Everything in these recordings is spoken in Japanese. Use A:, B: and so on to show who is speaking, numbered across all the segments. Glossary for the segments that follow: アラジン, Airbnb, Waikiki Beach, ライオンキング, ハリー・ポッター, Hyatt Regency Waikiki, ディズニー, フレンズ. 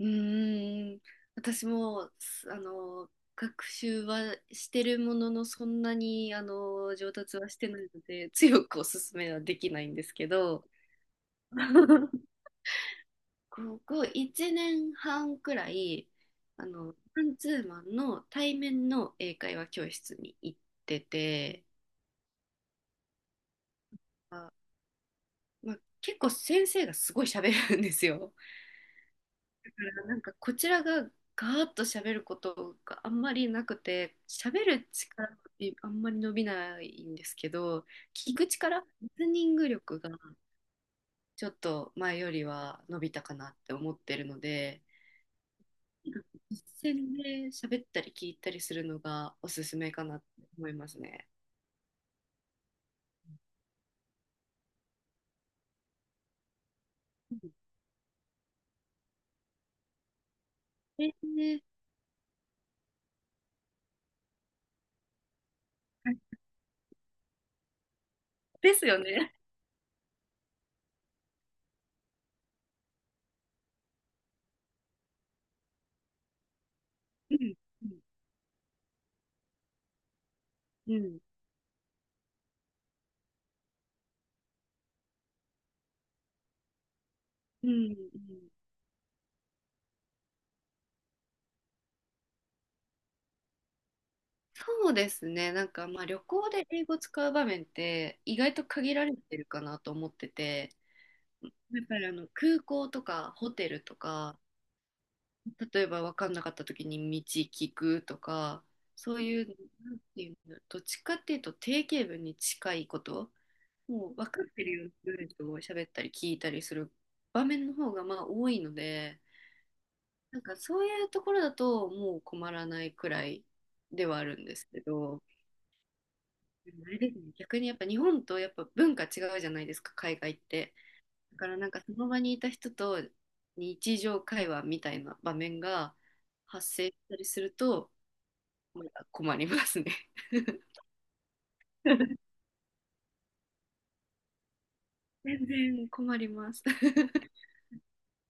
A: うーん、私も、すあの、学習はしてるものの、そんなに、上達はしてないので、強くおすすめはできないんですけど、ここ1年半くらい、マンツーマンの対面の英会話教室に行ってて、あ、まあ、結構先生がすごい喋るんですよ。からなんかこちらがガーッと喋ることがあんまりなくて、喋る力ってあんまり伸びないんですけど、聞く力、リスニング力がちょっと前よりは伸びたかなって思ってるので、実践で喋ったり聞いたりするのがおすすめかなって思いますね。うん、えーね、ですよね。うん、うん、うん、うん、うん、そうですね。なんかまあ旅行で英語使う場面って意外と限られてるかなと思ってて、やっぱり空港とかホテルとか、例えば分かんなかった時に道聞くとか、そういう、なんていうの、どっちかっていうと定型文に近いこと、もう分かってるような文章を喋ったり聞いたりする場面の方がまあ多いので、なんかそういうところだともう困らないくらいではあるんですけど。あれですね、逆にやっぱ日本とやっぱ文化違うじゃないですか、海外って。だからなんかその場にいた人と日常会話みたいな場面が発生したりすると、まだ困りますね。全然困ります。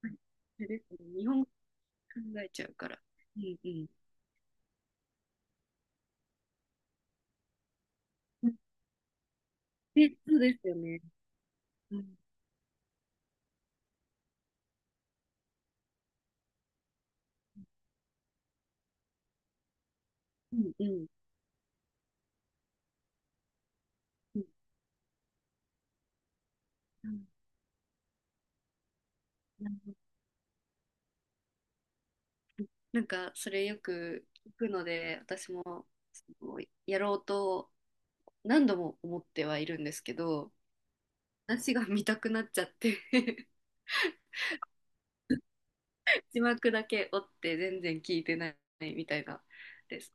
A: はい、そうですね、日本語考えちゃうから。うん、うん。で、そうですよね。うん、うん、うん、うん、うん、なるほど。なんかそれよく聞くので、私もそのやろうと何度も思ってはいるんですけど、話が見たくなっちゃって 字幕だけ追って全然聞いてないみたいなです。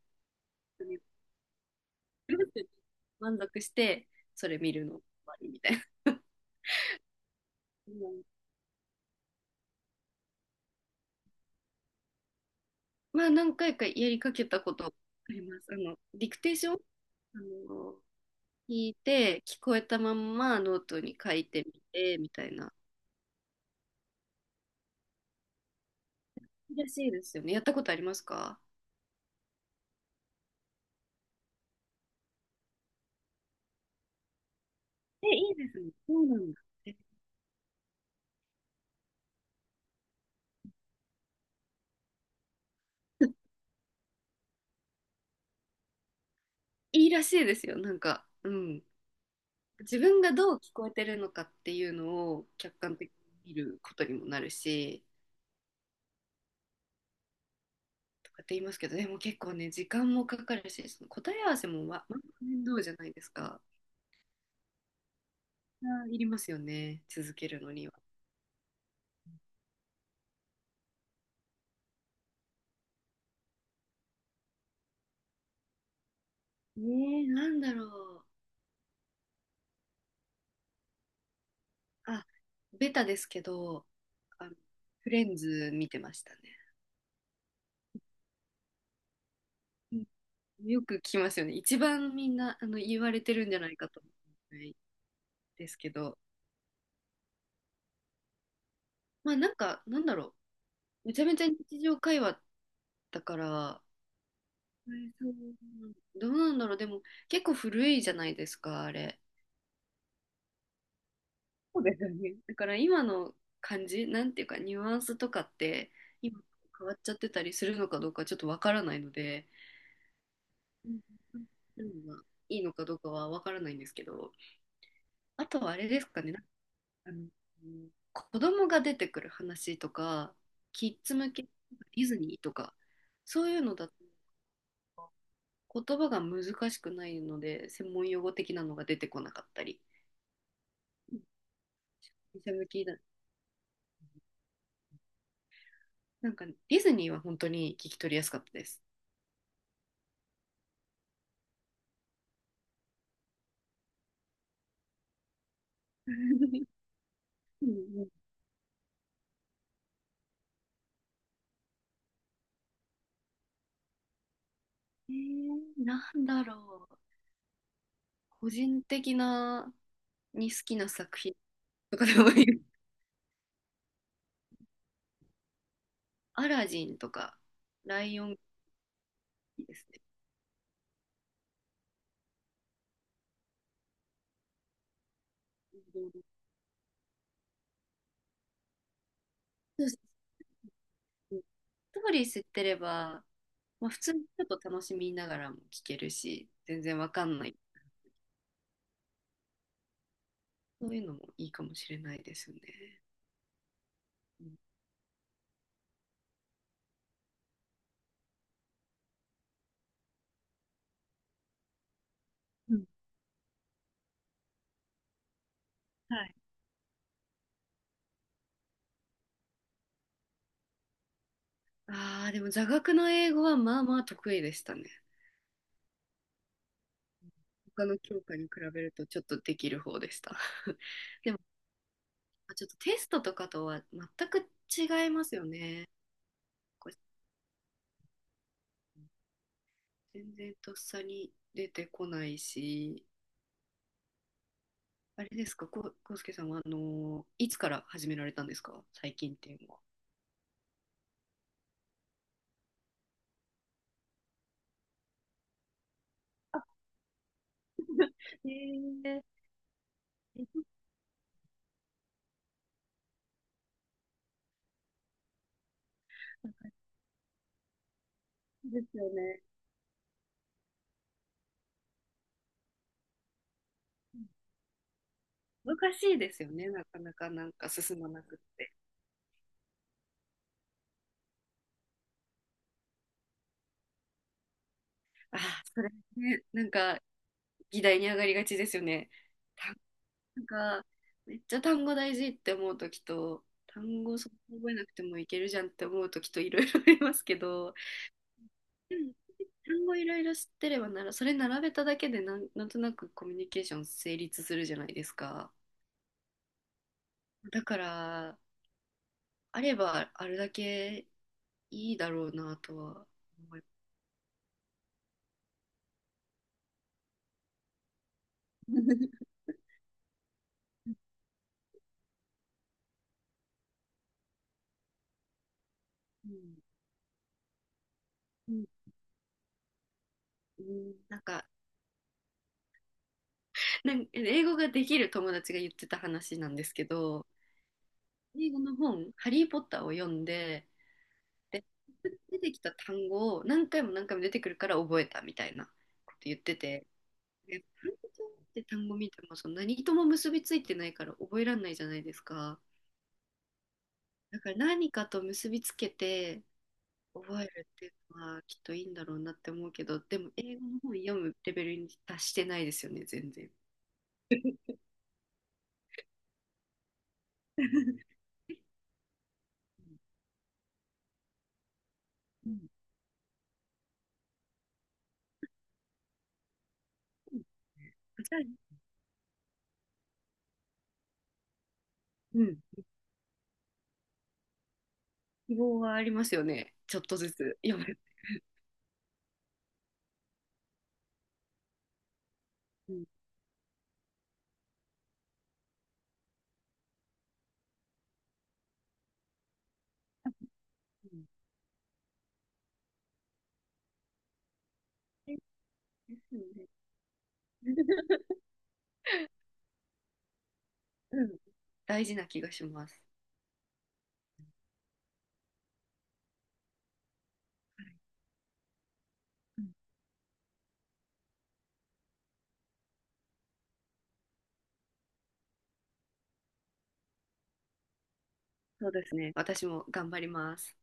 A: 満足してそれ見るの終わりみたいな。 まあ何回かやりかけたことあります。ディクテーション、あの聞いて聞こえたまんまノートに書いてみてみたいな。いいらしいですよね。やったことありますか？え、いいですね。そうなんだ。え、いいらしいですよ。なんか、うん、自分がどう聞こえてるのかっていうのを客観的に見ることにもなるし、とかって言いますけど、でも結構ね、時間もかかるし、その答え合わせも面倒じゃないですか。あ、いりますよね、続けるのには。ねえ、なんだろう。あ、ベタですけど、あのフレンズ見てましたね。うん、よく聞きますよね、一番みんな言われてるんじゃないかと思うんですけど、まあ、なんか、なんだろう、めちゃめちゃ日常会話だから、そう、どうなんだろう。でも結構古いじゃないですか、あれ。そうですよね。だから今の感じ、なんていうかニュアンスとかって今変わっちゃってたりするのかどうかちょっとわからないので、うん、そういうのがいいのかどうかはわからないんですけど、あとはあれですかね、なんかあの子供が出てくる話とか、キッズ向け、ディズニーとか、そういうのだと言葉が難しくないので、専門用語的なのが出てこなかったり。店向きだ。なんか、ディズニーは本当に聞き取りやすかったです。うん、うん、えなんだろう。個人的なに好きな作品とかでもいい。アラジンとか、ライオンキングですね。うん、そうそうそう。ストーリー知ってれば、まあ、普通にちょっと楽しみながらも聞けるし、全然わかんない。そういうのもいいかもしれないですよね。うん、うん、はい。ああ、でも座学の英語はまあまあ得意でしたね。他の教科に比べるとちょっとできる方でした。でも、ちょっとテストとかとは全く違いますよね。これ全然とっさに出てこないし、あれですか、こうすけさんは、いつから始められたんですか、最近っていうのは。えー、ですよね。難しいですよね、なかなかなんか進まなくって。ああ、それね、なんか議題に上がりがちですよね。なんか、めっちゃ単語大事って思う時と、単語そんな覚えなくてもいけるじゃんって思う時といろいろありますけど、でも単語いろいろ知ってればなら、それ並べただけで、なんとなくコミュニケーション成立するじゃないですか。だから、あればあるだけいいだろうなとは思います。うん、うん、なんか、英語ができる友達が言ってた話なんですけど、英語の本、ハリー・ポッターを読んで、で、出てきた単語を何回も何回も出てくるから覚えたみたいなこと言ってて、で、単語って単語見てもその何とも結びついてないから覚えられないじゃないですか。だから何かと結びつけて覚えるっていうのはきっといいんだろうなって思うけど、でも英語の本読むレベルに達してないですよね、全然。うん、うん、じゃあ、うん、希望はありますよね、ちょっとずつ読む。うん、うん、ですよね。うん、大事な気がします。うん、そうですね。私も頑張ります。